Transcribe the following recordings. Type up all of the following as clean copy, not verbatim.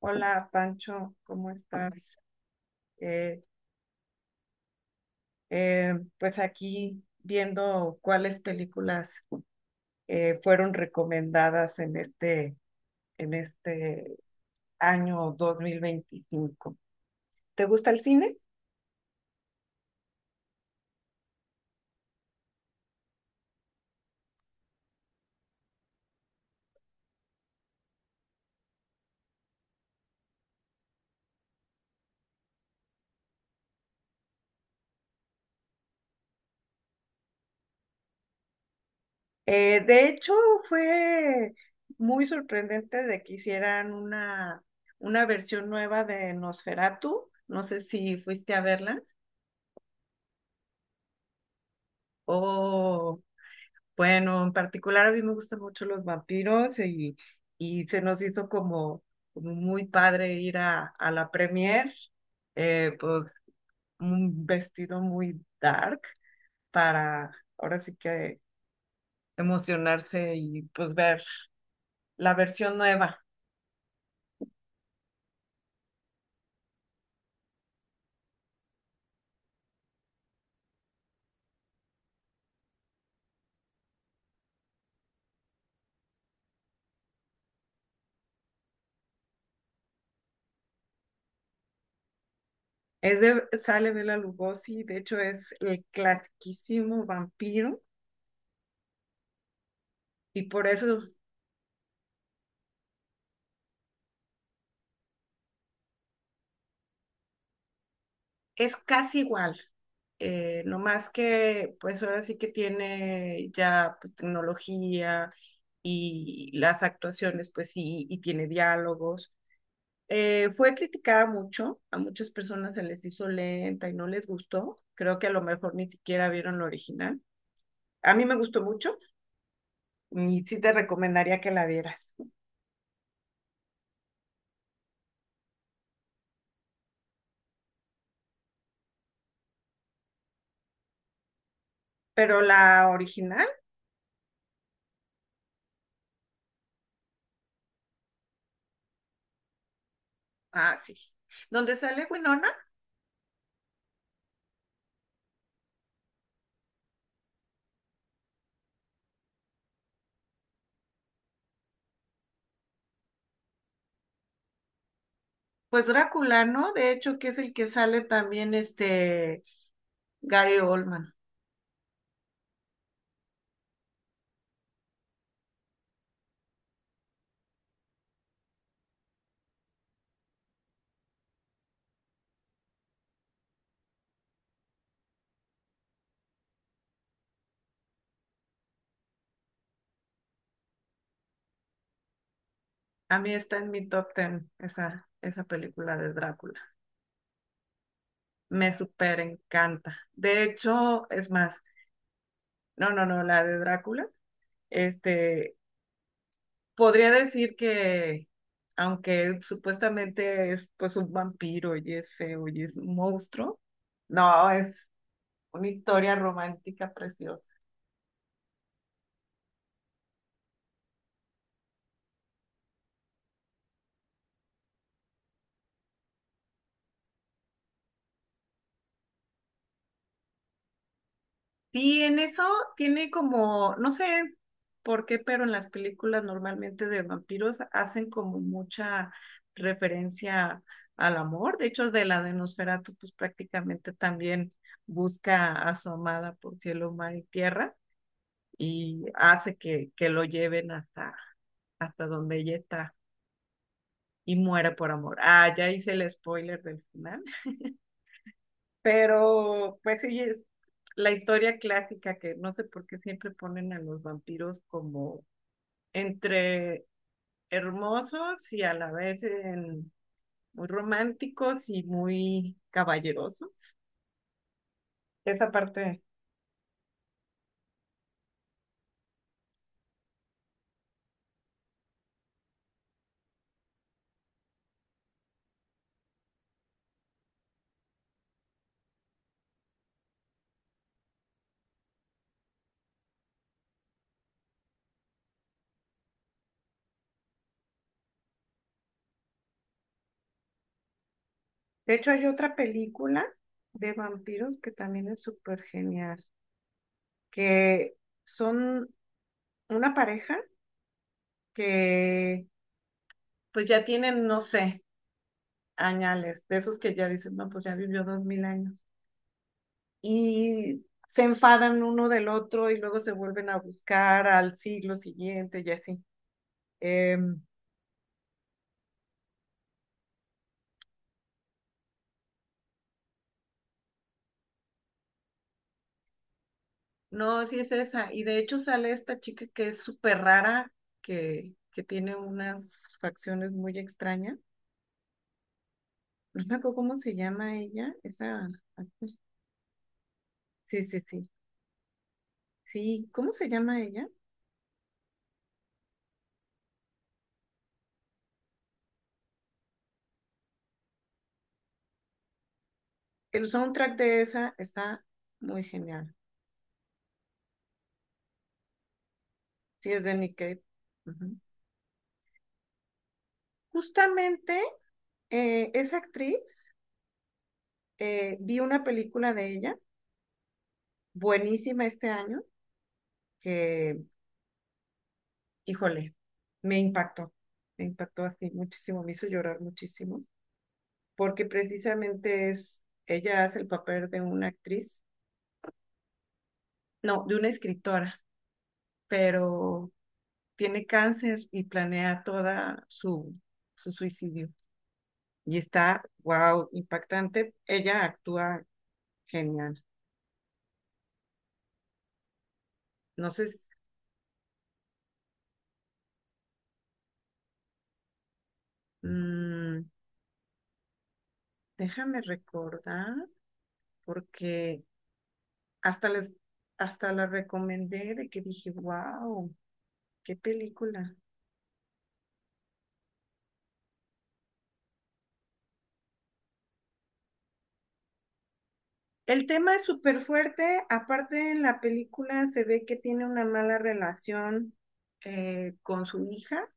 Hola Pancho, ¿cómo estás? Eh, eh, pues aquí viendo cuáles películas fueron recomendadas en este año 2025. ¿Te gusta el cine? De hecho, fue muy sorprendente de que hicieran una versión nueva de Nosferatu. No sé si fuiste a verla o bueno, en particular a mí me gustan mucho los vampiros y se nos hizo como muy padre ir a la premier, pues un vestido muy dark para ahora sí que emocionarse y pues ver la versión nueva. Es de, sale Bela Lugosi, de hecho es el clasiquísimo vampiro y por eso es casi igual, no más que pues ahora sí que tiene ya pues tecnología y las actuaciones pues sí, y tiene diálogos. Fue criticada mucho, a muchas personas se les hizo lenta y no les gustó, creo que a lo mejor ni siquiera vieron la original. A mí me gustó mucho y sí te recomendaría que la vieras, pero la original. Ah, sí. Donde sale Winona, pues Drácula, ¿no? De hecho, que es el que sale también este Gary Oldman. A mí está en mi top ten esa película de Drácula. Me súper encanta. De hecho, es más, no, no, no, la de Drácula. Este, podría decir que, aunque supuestamente es pues un vampiro y es feo y es un monstruo, no, es una historia romántica preciosa. Sí, en eso tiene como, no sé por qué, pero en las películas normalmente de vampiros hacen como mucha referencia al amor. De hecho, de la de Nosferatu, pues prácticamente también busca a su amada por cielo, mar y tierra y hace que lo lleven hasta donde ella está y muere por amor. Ah, ya hice el spoiler del final. Pero, pues sí, es la historia clásica que no sé por qué siempre ponen a los vampiros como entre hermosos y a la vez muy románticos y muy caballerosos. Esa parte. De hecho, hay otra película de vampiros que también es súper genial, que son una pareja que pues ya tienen, no sé, añales, de esos que ya dicen, no, pues ya vivió 2000 años y se enfadan uno del otro y luego se vuelven a buscar al siglo siguiente y así. Eh, no, sí es esa. Y de hecho sale esta chica que es súper rara, que tiene unas facciones muy extrañas. No me acuerdo cómo se llama ella, esa actriz. Sí, sí, sí. Sí, ¿cómo se llama ella? El soundtrack de esa está muy genial. Sí, es de Nick Cave. Ujú. Justamente esa actriz, vi una película de ella buenísima este año que, híjole, me impactó, me impactó así muchísimo, me hizo llorar muchísimo, porque precisamente es, ella hace el papel de una actriz, no, de una escritora, pero tiene cáncer y planea toda su suicidio. Y está, wow, impactante. Ella actúa genial. Entonces, mm, déjame recordar, porque Hasta les, hasta la recomendé de que dije, wow, qué película. El tema es súper fuerte, aparte en la película se ve que tiene una mala relación con su hija,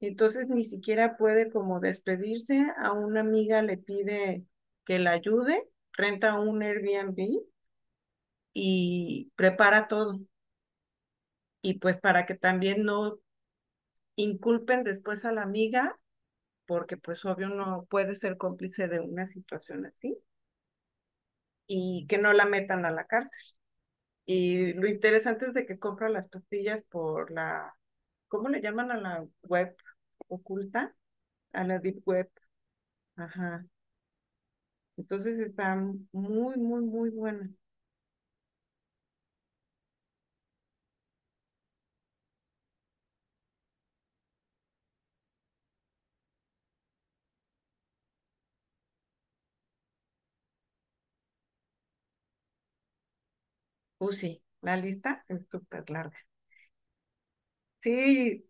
entonces ni siquiera puede como despedirse, a una amiga le pide que la ayude, renta un Airbnb y prepara todo. Y pues para que también no inculpen después a la amiga, porque pues obvio no puede ser cómplice de una situación así y que no la metan a la cárcel. Y lo interesante es de que compra las pastillas por la, ¿cómo le llaman a la web oculta? A la deep web. Ajá. Entonces está muy, muy, muy buena. Sí, la lista es súper larga. Sí,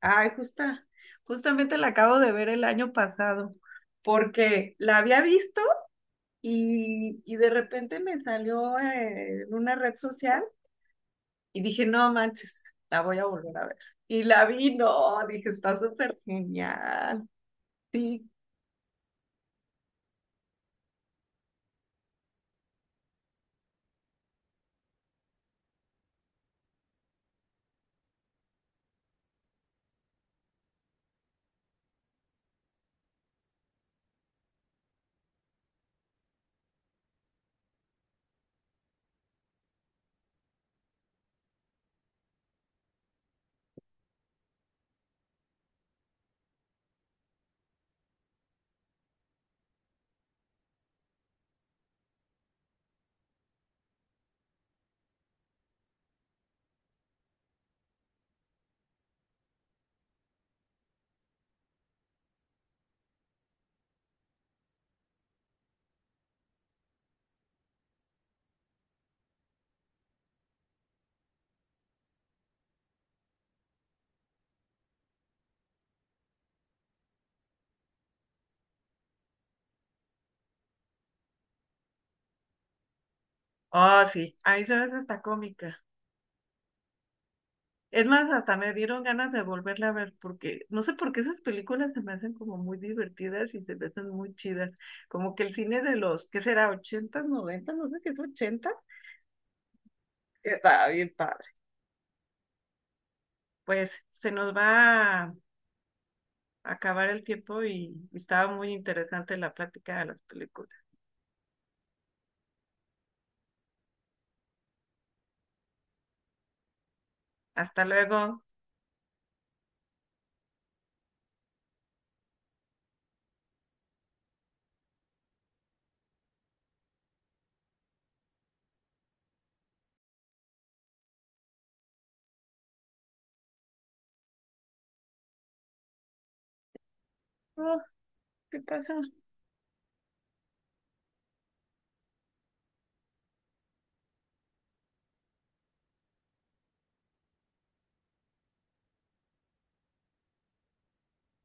ay, justamente la acabo de ver el año pasado, porque la había visto. Y de repente me salió en una red social y dije, no manches, la voy a volver a ver. Y la vi, no, dije, está súper genial. Sí. Oh, sí, ahí se ve hasta cómica. Es más, hasta me dieron ganas de volverla a ver porque no sé por qué esas películas se me hacen como muy divertidas y se me hacen muy chidas. Como que el cine de los, ¿qué será? ¿ochentas 90? No sé si es ochenta. Está bien padre. Pues se nos va acabar el tiempo y estaba muy interesante la plática de las películas. Hasta luego. Oh, ¿qué pasó?